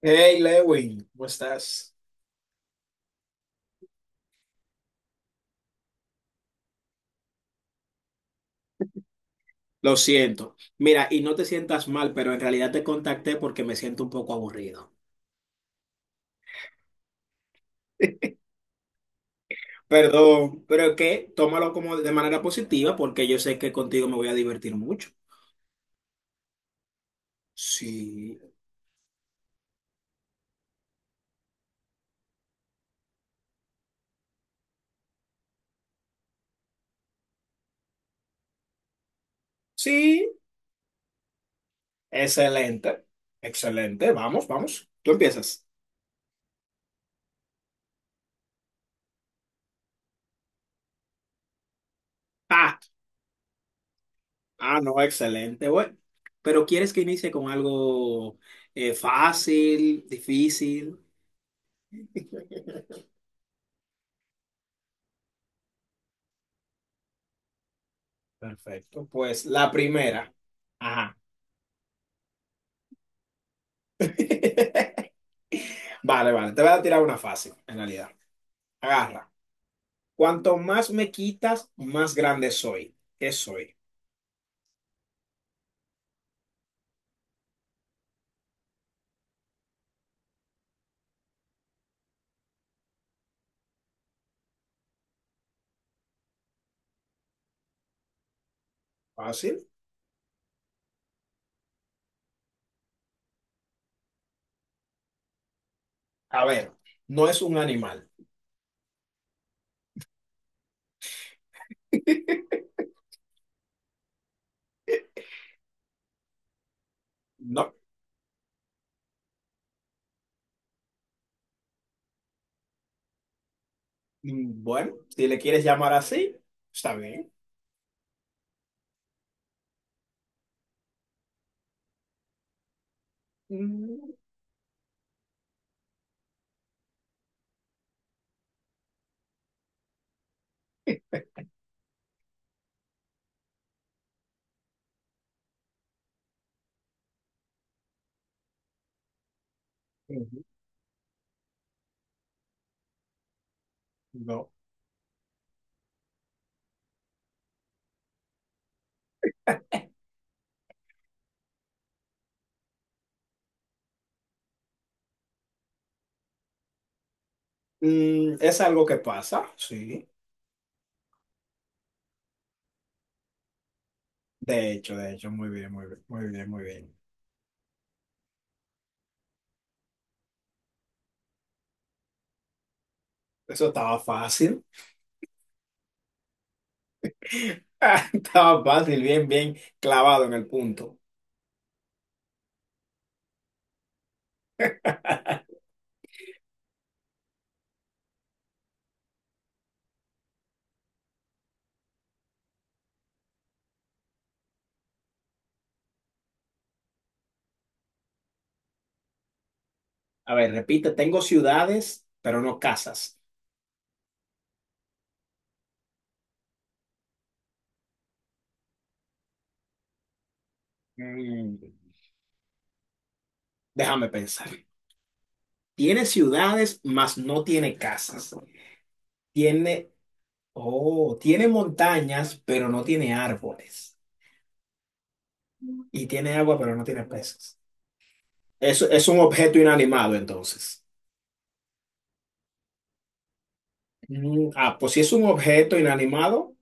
Hey Lewin, ¿cómo estás? Lo siento. Mira, y no te sientas mal, pero en realidad te contacté porque me siento un poco aburrido. Perdón, pero que tómalo como de manera positiva porque yo sé que contigo me voy a divertir mucho. Sí, sí, excelente, excelente. Vamos, vamos. Tú empiezas. Ah, ah, no, excelente, bueno. Pero ¿quieres que inicie con algo fácil, difícil? Perfecto. Pues la primera. Ajá. Vale, vale. Te voy a tirar una fácil, en realidad. Agarra. Cuanto más me quitas, más grande soy. ¿Qué soy? ¿Fácil? A ver, no es un animal. No. Bueno, si le quieres llamar así, está bien. Mm, ujú. No. Es algo que pasa, sí. De hecho, muy bien, muy bien, muy bien, muy bien. Eso estaba fácil. Estaba fácil, bien, bien clavado en el punto. A ver, repite, tengo ciudades, pero no casas. Mm, déjame pensar. Tiene ciudades, mas no tiene casas. Tiene, oh, tiene montañas, pero no tiene árboles. Y tiene agua, pero no tiene peces. Eso es un objeto inanimado, entonces. Mm, ah, pues si es un objeto inanimado,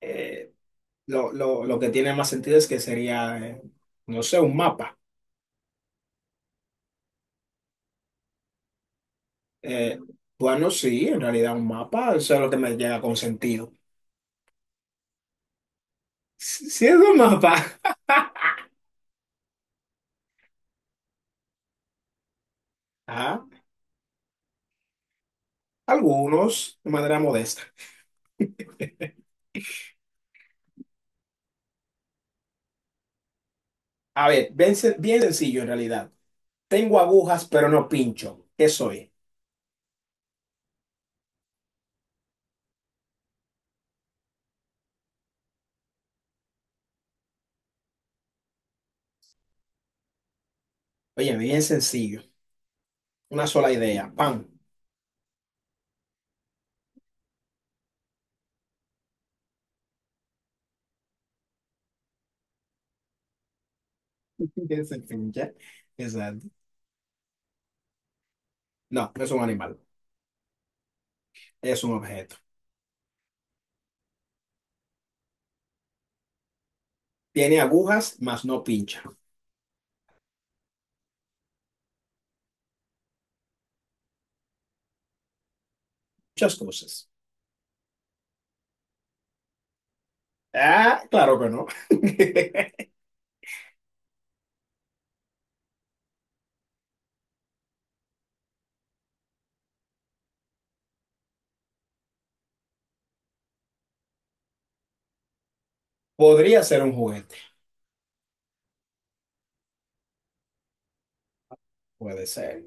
eh, lo que tiene más sentido es que sería, no sé, un mapa. Eh, bueno, sí, en realidad un mapa, eso es lo que me llega con sentido. Siendo más baja, a algunos de manera modesta. A ver, bien, bien sencillo en realidad. Tengo agujas, pero no pincho. ¿Qué soy? Oye, bien sencillo. Una sola idea. ¡Pam! ¿Ya se pincha? Exacto. No, no es un animal. Es un objeto. Tiene agujas, mas no pincha. Muchas cosas. Ah, claro que no. Podría ser un juguete. Puede ser.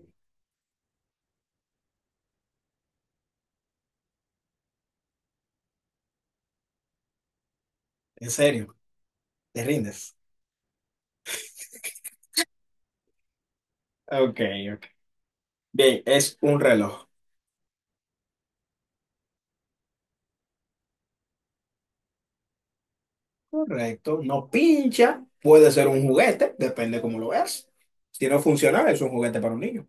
En serio, te rindes. Ok, ok. Bien, es un reloj. Correcto, no pincha, puede ser un juguete, depende cómo lo veas. Si no funciona, es un juguete para un niño.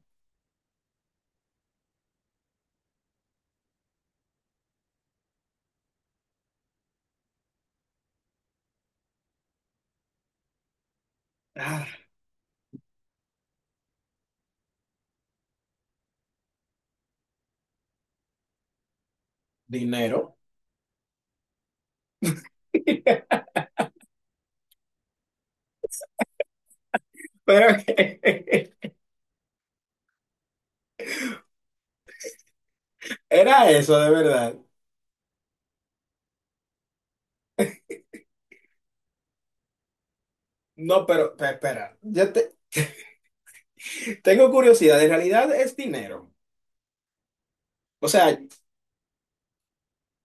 Ah, dinero. Pero que- era eso, de verdad. No, pero espera, tengo curiosidad, en realidad es dinero. O sea,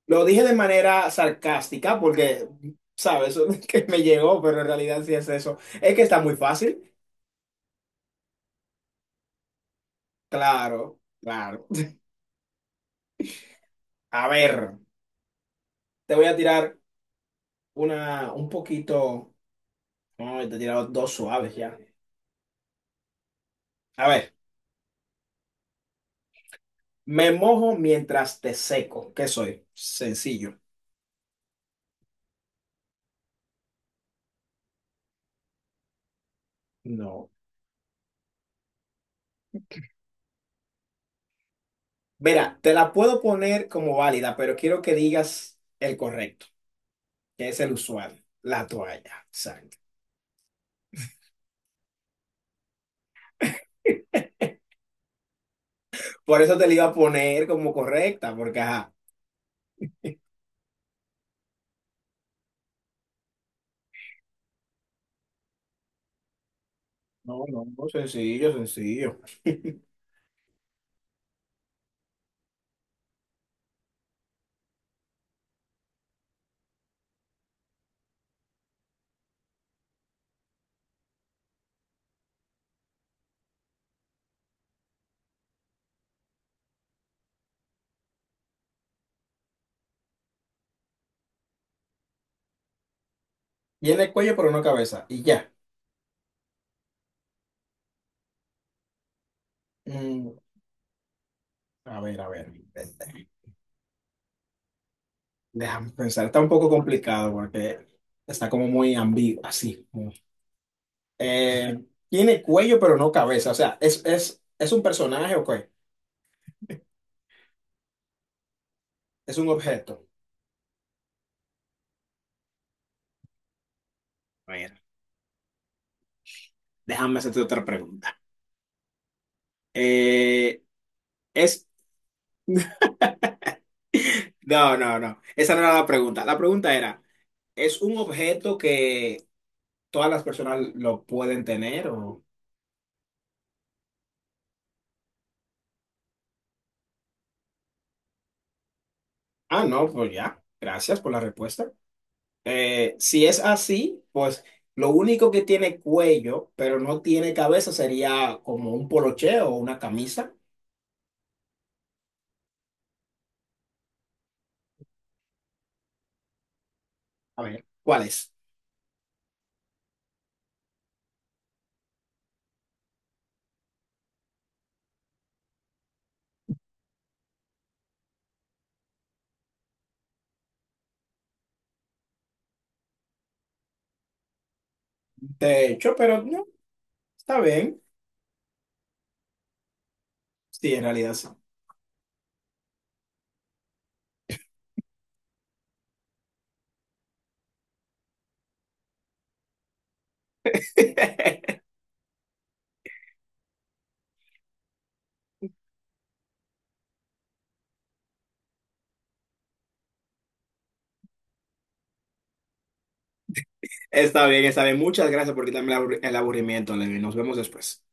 lo dije de manera sarcástica porque, ¿sabes? Que me llegó, pero en realidad sí es eso. Es que está muy fácil. Claro, claro. A ver, te voy a tirar una un poquito. No, te he tirado dos suaves ya. A ver, me mojo mientras te seco. ¿Qué soy? Sencillo. No. Mira, te la puedo poner como válida, pero quiero que digas el correcto, que es el usual, la toalla. Exacto. Por eso te la iba a poner como correcta, porque ajá. No, no, no, sencillo, sencillo. Tiene el cuello, pero no cabeza. Y ya. Mm, a ver, a ver. Déjame pensar. Está un poco complicado porque está como muy ambiguo, así. Eh, tiene cuello, pero no cabeza. O sea, ¿es un personaje o qué? ¿Es un objeto? A ver, déjame hacerte otra pregunta. Eh, es, no, no, no, esa no era la pregunta. La pregunta era, ¿es un objeto que todas las personas lo pueden tener o... Ah, no, pues ya, gracias por la respuesta. Si es así, pues lo único que tiene cuello, pero no tiene cabeza, sería como un poloche o una camisa. A ver, ¿cuál es? De hecho, pero no. Está bien. Sí, en realidad sí. Está bien, está bien. Muchas gracias por quitarme el el aburrimiento, Levi. Nos vemos después.